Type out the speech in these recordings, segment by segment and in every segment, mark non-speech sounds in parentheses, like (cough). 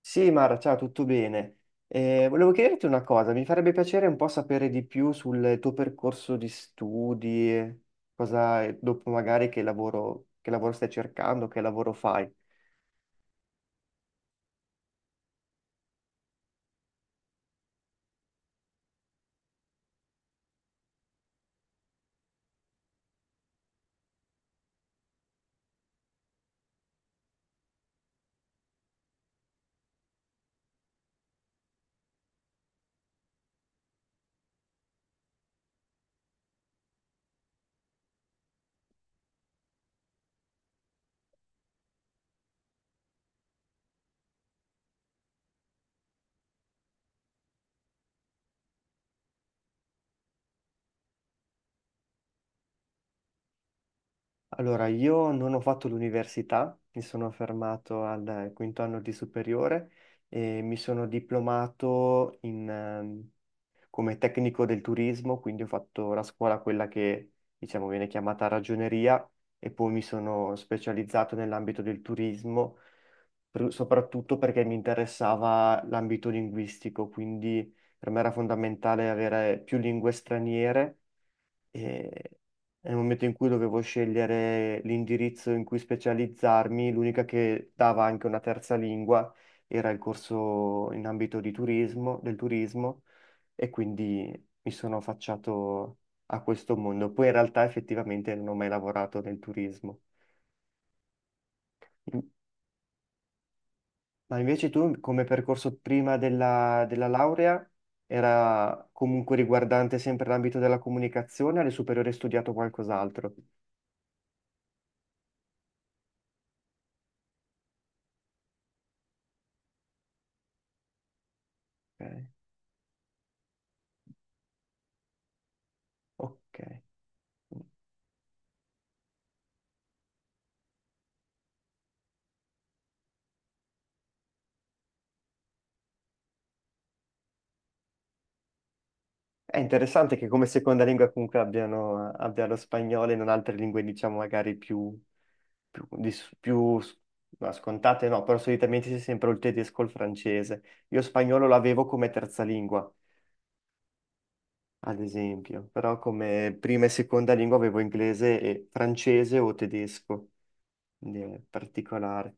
Sì, Mara, ciao, tutto bene. Volevo chiederti una cosa, mi farebbe piacere un po' sapere di più sul tuo percorso di studi, cosa dopo magari che lavoro stai cercando, che lavoro fai. Allora, io non ho fatto l'università, mi sono fermato al quinto anno di superiore e mi sono diplomato in, come tecnico del turismo, quindi ho fatto la scuola, quella che diciamo viene chiamata ragioneria, e poi mi sono specializzato nell'ambito del turismo, soprattutto perché mi interessava l'ambito linguistico, quindi per me era fondamentale avere più lingue straniere e nel momento in cui dovevo scegliere l'indirizzo in cui specializzarmi, l'unica che dava anche una terza lingua era il corso in ambito di turismo, del turismo e quindi mi sono affacciato a questo mondo. Poi in realtà effettivamente non ho mai lavorato nel turismo. In- Ma invece tu come percorso prima della laurea era comunque riguardante sempre l'ambito della comunicazione, alle superiori hai studiato qualcos'altro? Ok. Ok. È interessante che come seconda lingua comunque abbiano, abbia lo spagnolo e non altre lingue, diciamo, magari più, di- più s- no, scontate no, però solitamente c'è sempre o il tedesco o il francese. Io spagnolo l'avevo come terza lingua, ad esempio, però come prima e seconda lingua avevo inglese e francese o tedesco, quindi è particolare.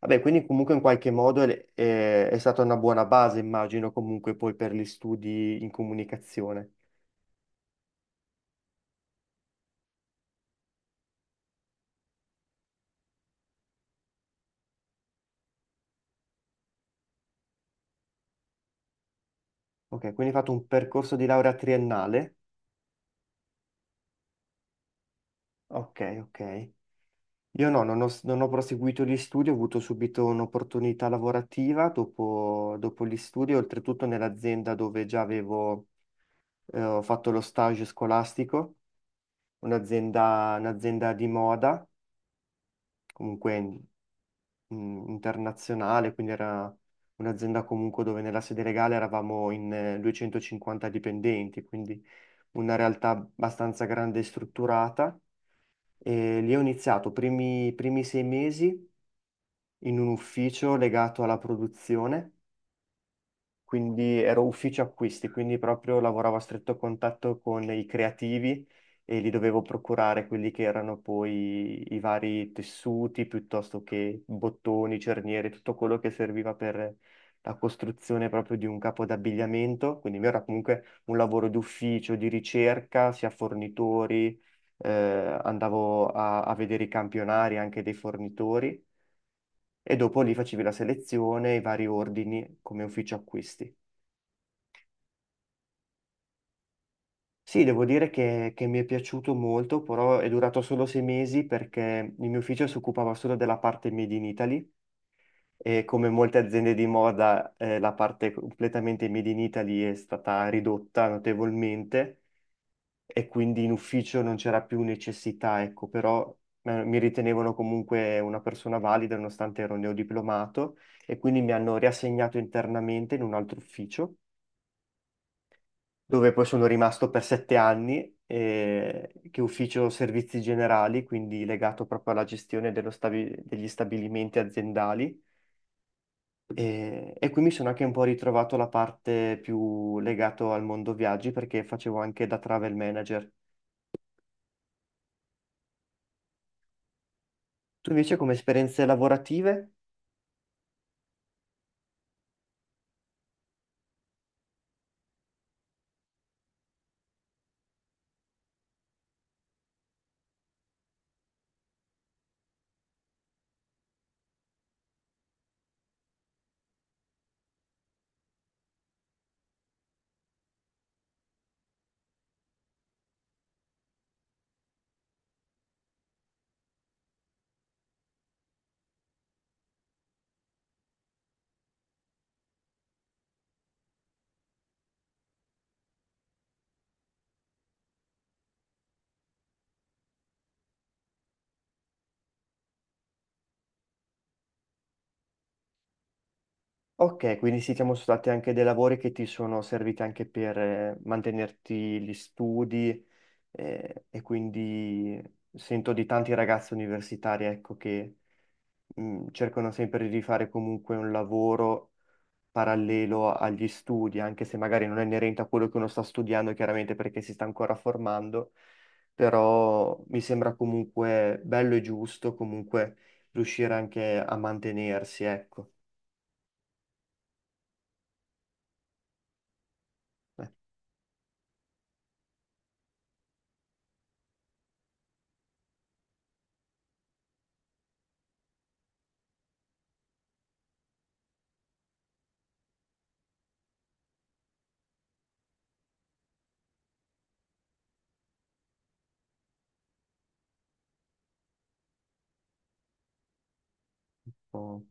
Vabbè, quindi comunque in qualche modo è stata una buona base, immagino, comunque poi per gli studi in comunicazione. Ok, quindi hai fatto un percorso di laurea triennale? Ok, ok. Io no, non ho proseguito gli studi, ho avuto subito un'opportunità lavorativa dopo gli studi, oltretutto nell'azienda dove già avevo ho fatto lo stage scolastico, un'azienda di moda, comunque internazionale, quindi era un'azienda comunque dove nella sede legale eravamo in 250 dipendenti, quindi una realtà abbastanza grande e strutturata. E lì ho iniziato i primi sei mesi in un ufficio legato alla produzione, quindi ero ufficio acquisti, quindi proprio lavoravo a stretto contatto con i creativi e li dovevo procurare quelli che erano poi i vari tessuti, piuttosto che bottoni, cerniere, tutto quello che serviva per la costruzione proprio di un capo d'abbigliamento, quindi il mio era comunque un lavoro d'ufficio, di ricerca, sia fornitori, eh, andavo a vedere i campionari anche dei fornitori e dopo lì facevi la selezione, i vari ordini come ufficio acquisti. Sì, devo dire che mi è piaciuto molto, però è durato solo sei mesi perché il mio ufficio si occupava solo della parte Made in Italy e come molte aziende di moda la parte completamente Made in Italy è stata ridotta notevolmente e quindi in ufficio non c'era più necessità, ecco, però mi ritenevano comunque una persona valida nonostante ero neodiplomato e quindi mi hanno riassegnato internamente in un altro ufficio dove poi sono rimasto per sette anni, che ufficio servizi generali, quindi legato proprio alla gestione dello degli stabilimenti aziendali. E qui mi sono anche un po' ritrovato la parte più legata al mondo viaggi perché facevo anche da travel manager. Tu invece come esperienze lavorative? Ok, quindi sì, siamo stati anche dei lavori che ti sono serviti anche per mantenerti gli studi e quindi sento di tanti ragazzi universitari, ecco, che cercano sempre di fare comunque un lavoro parallelo agli studi, anche se magari non è inerente a quello che uno sta studiando, chiaramente perché si sta ancora formando, però mi sembra comunque bello e giusto comunque riuscire anche a mantenersi, ecco. Un po'.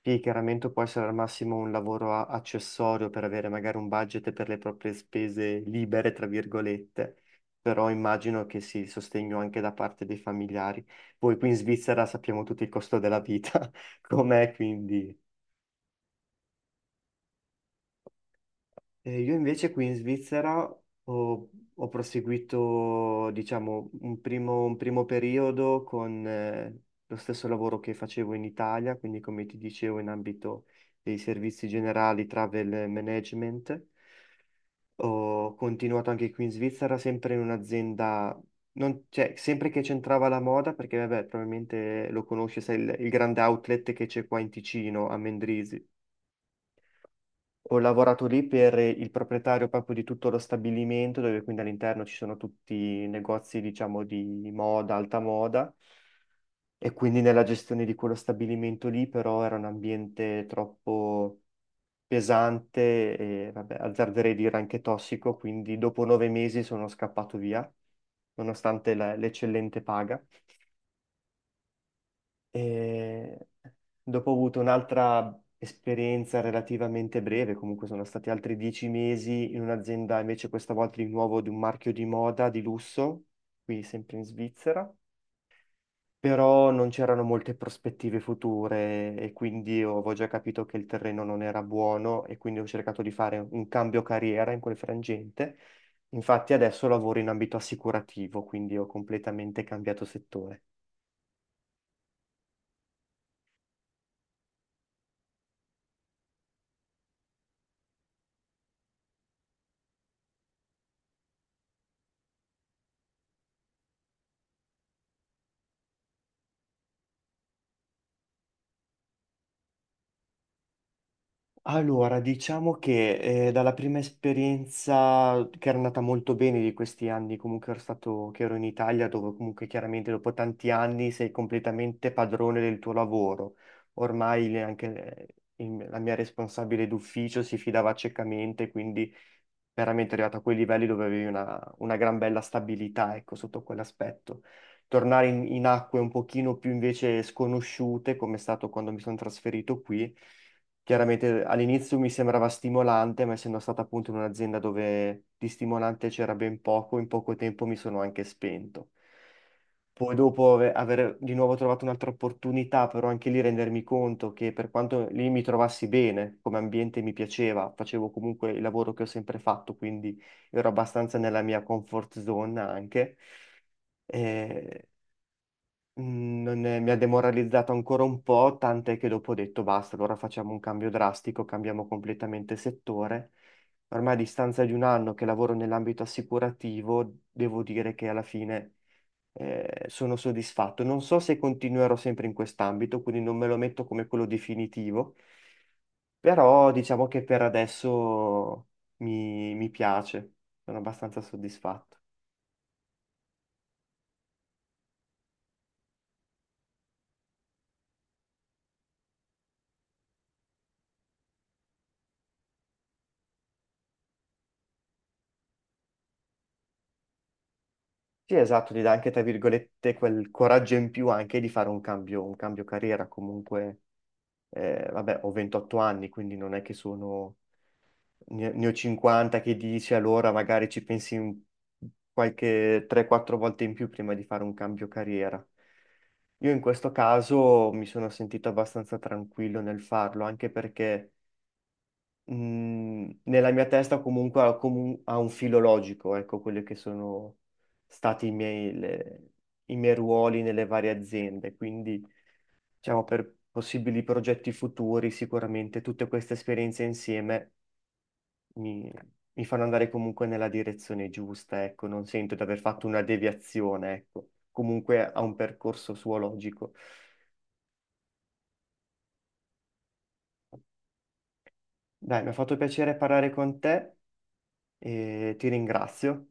Sì, chiaramente può essere al massimo un lavoro accessorio per avere magari un budget per le proprie spese libere, tra virgolette, però immagino che sì, il sostegno anche da parte dei familiari. Poi qui in Svizzera sappiamo tutto il costo della vita, (laughs) com'è, quindi. Io invece qui in Svizzera ho, ho proseguito, diciamo, un primo periodo con lo stesso lavoro che facevo in Italia, quindi come ti dicevo in ambito dei servizi generali, travel management. Ho continuato anche qui in Svizzera, sempre in un'azienda, cioè, sempre che c'entrava la moda, perché vabbè, probabilmente lo conosci, sai, il grande outlet che c'è qua in Ticino, a Mendrisio. Ho lavorato lì per il proprietario proprio di tutto lo stabilimento, dove quindi all'interno ci sono tutti i negozi, diciamo, di moda, alta moda, e quindi nella gestione di quello stabilimento lì, però era un ambiente troppo pesante e, vabbè, azzarderei dire anche tossico, quindi dopo nove mesi sono scappato via, nonostante l'eccellente paga. E dopo ho avuto un'altra esperienza relativamente breve, comunque sono stati altri dieci mesi in un'azienda, invece questa volta di nuovo di un marchio di moda di lusso, qui sempre in Svizzera, però non c'erano molte prospettive future e quindi io avevo già capito che il terreno non era buono e quindi ho cercato di fare un cambio carriera in quel frangente. Infatti adesso lavoro in ambito assicurativo, quindi ho completamente cambiato settore. Allora, diciamo che dalla prima esperienza che era andata molto bene di questi anni, comunque ero stato, che ero in Italia, dove comunque chiaramente dopo tanti anni sei completamente padrone del tuo lavoro. Ormai anche la mia responsabile d'ufficio si fidava ciecamente, quindi veramente arrivato a quei livelli dove avevi una gran bella stabilità, ecco, sotto quell'aspetto. Tornare in acque un pochino più invece sconosciute, come è stato quando mi sono trasferito qui, chiaramente all'inizio mi sembrava stimolante, ma essendo stato appunto in un'azienda dove di stimolante c'era ben poco, in poco tempo mi sono anche spento. Poi dopo aver di nuovo trovato un'altra opportunità, però anche lì rendermi conto che per quanto lì mi trovassi bene, come ambiente mi piaceva, facevo comunque il lavoro che ho sempre fatto, quindi ero abbastanza nella mia comfort zone anche. Eh, non è- mi ha demoralizzato ancora un po', tant'è che dopo ho detto basta, allora facciamo un cambio drastico, cambiamo completamente settore. Ormai a distanza di un anno che lavoro nell'ambito assicurativo, devo dire che alla fine sono soddisfatto. Non so se continuerò sempre in quest'ambito, quindi non me lo metto come quello definitivo, però diciamo che per adesso mi piace, sono abbastanza soddisfatto. Sì, esatto, ti dà anche, tra virgolette, quel coraggio in più anche di fare un cambio carriera. Comunque, vabbè, ho 28 anni, quindi non è che sono. Ne ho 50 che dici, allora magari ci pensi qualche 3-4 volte in più prima di fare un cambio carriera. Io in questo caso mi sono sentito abbastanza tranquillo nel farlo, anche perché nella mia testa comunque ha un filo logico, ecco, quelli che sono stati i miei ruoli nelle varie aziende. Quindi, diciamo, per possibili progetti futuri, sicuramente tutte queste esperienze insieme mi, mi fanno andare comunque nella direzione giusta, ecco, non sento di aver fatto una deviazione, ecco, comunque ha un percorso suo logico. Dai, mi ha fatto piacere parlare con te e ti ringrazio.